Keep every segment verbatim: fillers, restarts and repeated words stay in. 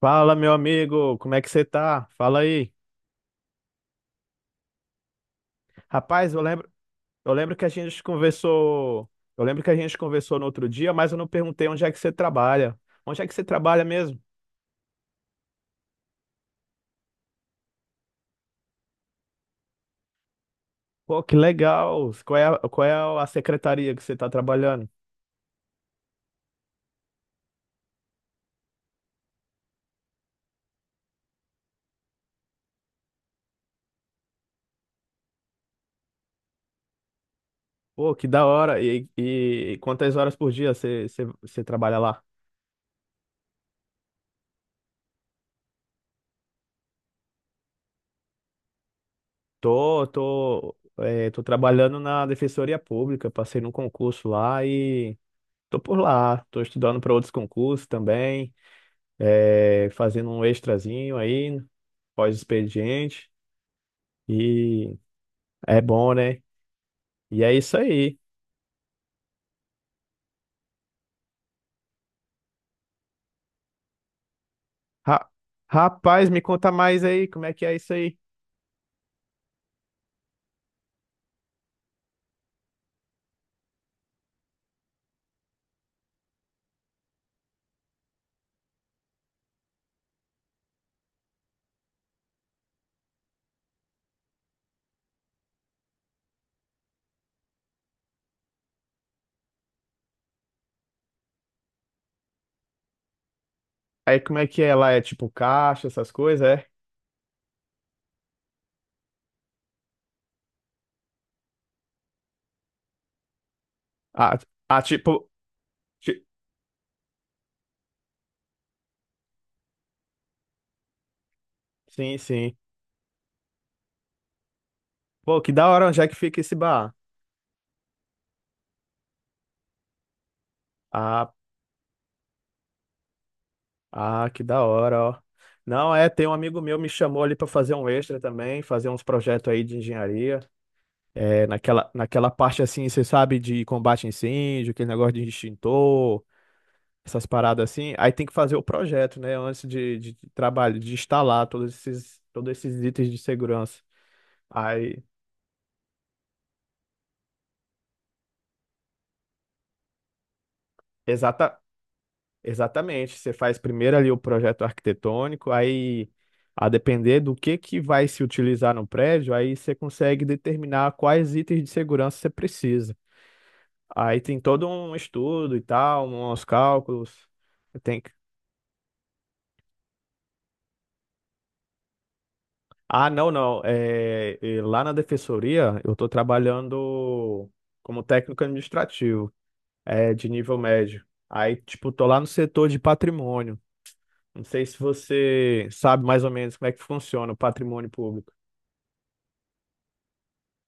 Fala, meu amigo, como é que você tá? Fala aí. Rapaz, eu lembro, eu lembro que a gente conversou, eu lembro que a gente conversou no outro dia, mas eu não perguntei onde é que você trabalha. Onde é que você trabalha mesmo? Pô, que legal. Qual é, a- qual é a secretaria que você tá trabalhando? Pô, que da hora. E, e quantas horas por dia você, você, você trabalha lá? Tô, tô, é, tô trabalhando na Defensoria Pública, passei num concurso lá e tô por lá. Tô estudando para outros concursos também. é, fazendo um extrazinho aí, pós-expediente. E é bom, né? E é isso aí. Ra- Rapaz, me conta mais aí, como é que é isso aí? Aí como é que é lá? É tipo caixa, essas coisas, é? Ah, ah, tipo. ti- Sim, sim. Pô, que da hora, onde é que fica esse bar? Ah, ah, que da hora, ó. Não, é, tem um amigo meu me chamou ali pra fazer um extra também, fazer uns projetos aí de engenharia. É, naquela, naquela parte assim, você sabe, de combate a incêndio, aquele negócio de extintor, essas paradas assim. Aí tem que fazer o projeto, né? Antes de, de trabalho, de instalar todos esses, todos esses itens de segurança. Aí, exata, exatamente. Você faz primeiro ali o projeto arquitetônico, aí, a depender do que que vai se utilizar no prédio, aí você consegue determinar quais itens de segurança você precisa. Aí tem todo um estudo e tal, uns cálculos. Tem, ah, não, não. É, e lá na defensoria, eu estou trabalhando como técnico administrativo, é, de nível médio. Aí, tipo, tô lá no setor de patrimônio. Não sei se você sabe mais ou menos como é que funciona o patrimônio público.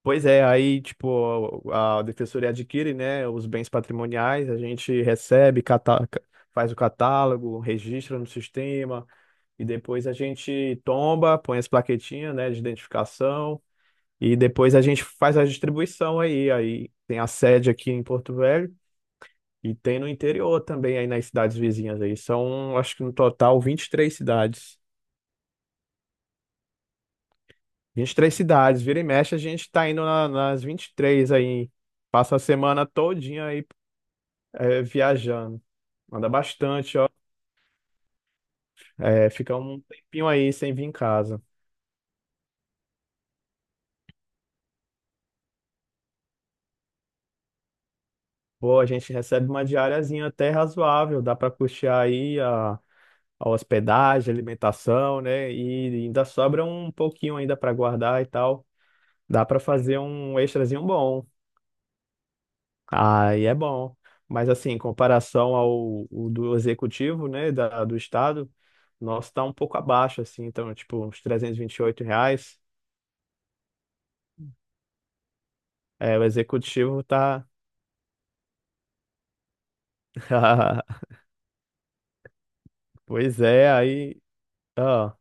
Pois é, aí, tipo, a defensoria adquire, né, os bens patrimoniais, a gente recebe, cata- faz o catálogo, registra no sistema, e depois a gente tomba, põe as plaquetinhas, né, de identificação. E depois a gente faz a distribuição aí. Aí tem a sede aqui em Porto Velho e tem no interior também, aí nas cidades vizinhas aí. São, acho que no total, vinte e três cidades. Vinte e três cidades. Vira e mexe, a gente tá indo na, nas vinte e três aí. Passa a semana todinha aí, é, viajando. Anda bastante, ó. É, fica um tempinho aí sem vir em casa. Pô, a gente recebe uma diariazinha até razoável. Dá pra custear aí a a hospedagem, alimentação, né? E ainda sobra um pouquinho ainda para guardar e tal. Dá para fazer um extrazinho bom. Aí é bom. Mas assim, em comparação ao o do executivo, né, da, do estado, nosso tá um pouco abaixo assim, então tipo uns trezentos e e vinte e oito reais. É, o executivo tá Pois é, aí, ó.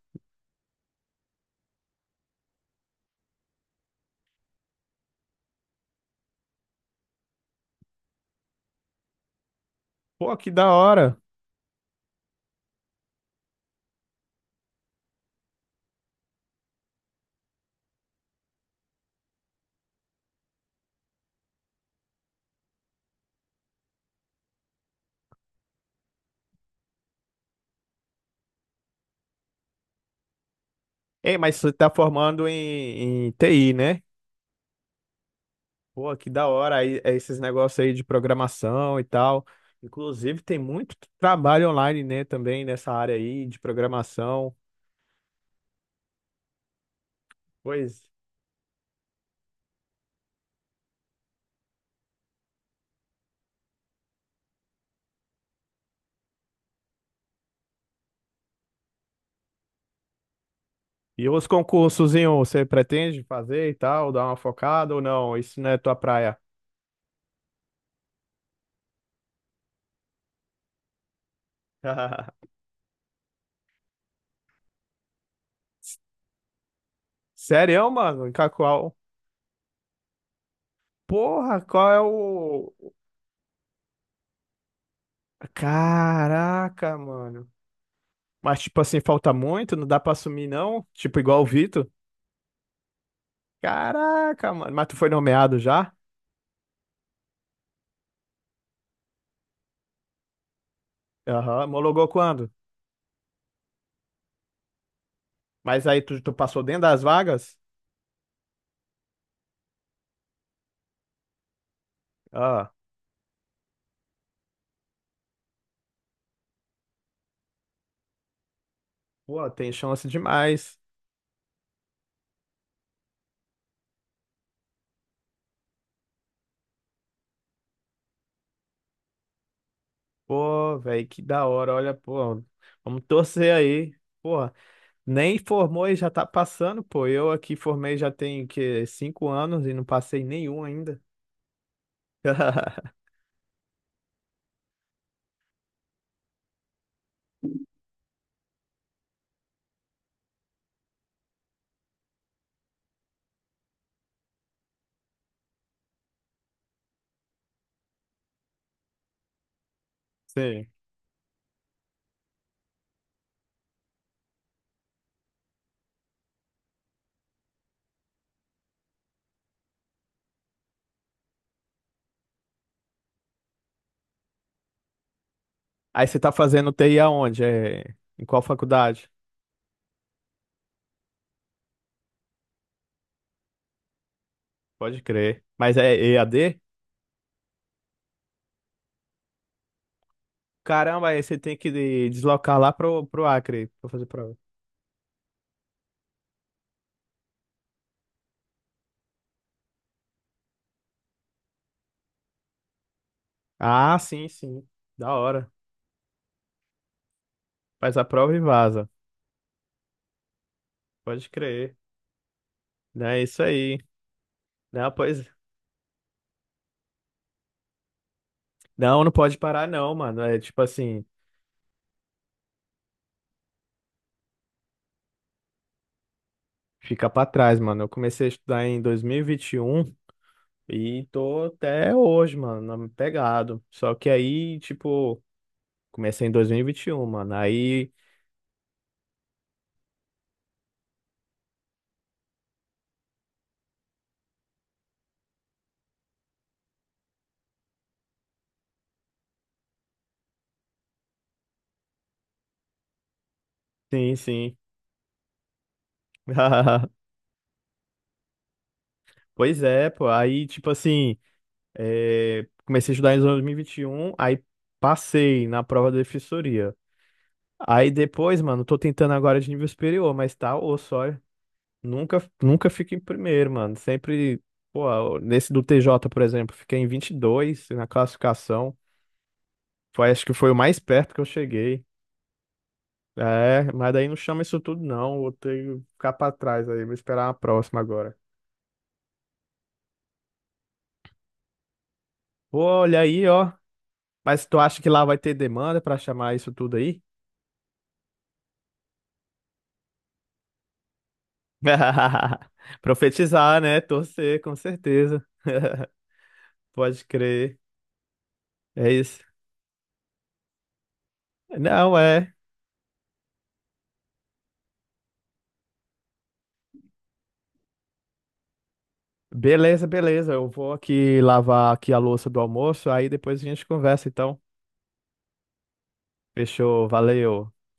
Pô, que da hora. Ei, mas você tá formando em, em T I, né? Pô, que da hora aí, é esses negócios aí de programação e tal. Inclusive, tem muito trabalho online, né, também nessa área aí de programação. Pois. E os concursos, hein, ô, você pretende fazer e tal, dar uma focada ou não? Isso não é tua praia. Sério, mano? Em qual? Porra, qual é o. Caraca, mano. Mas, tipo assim, falta muito? Não dá pra assumir, não? Tipo, igual o Vitor? Caraca, mano. Mas tu foi nomeado já? Aham. Homologou quando? Mas aí tu, tu passou dentro das vagas? Ah, pô, tem chance demais. Pô, velho, que da hora. Olha, pô, vamos torcer aí. Pô, nem formou e já tá passando, pô. Eu aqui formei já tem, que, cinco anos e não passei nenhum ainda. Sim. Aí você tá fazendo T I aonde? É, em qual faculdade? Pode crer. Mas é E A D? Caramba, aí você tem que de- deslocar lá pro, pro Acre pra fazer prova. Ah, sim, sim. Da hora. Faz a prova e vaza. Pode crer. Não, é isso aí. Não, pois. Não, não pode parar, não, mano. É tipo assim, fica pra trás, mano. Eu comecei a estudar em dois mil e vinte e e um e tô até hoje, mano, na- pegado. Só que aí, tipo, comecei em dois mil e e vinte e um mano. Aí, sim, sim. Pois é, pô. Aí, tipo assim, é, comecei a estudar em dois mil e e vinte e um aí passei na prova da defensoria. Aí depois, mano, tô tentando agora de nível superior, mas tá osso, ó. Nunca, nunca fico em primeiro, mano. Sempre, pô, nesse do T J, por exemplo, fiquei em vinte e dois na classificação. Foi, acho que foi o mais perto que eu cheguei. É, mas daí não chama isso tudo, não. Vou ter que ficar pra trás aí. Vou esperar a próxima agora. Pô, olha aí, ó. Mas tu acha que lá vai ter demanda pra chamar isso tudo aí? Profetizar, né? Torcer, com certeza. Pode crer. É isso. Não, é. Beleza, beleza. Eu vou aqui lavar aqui a louça do almoço, aí depois a gente conversa, então. Fechou, valeu.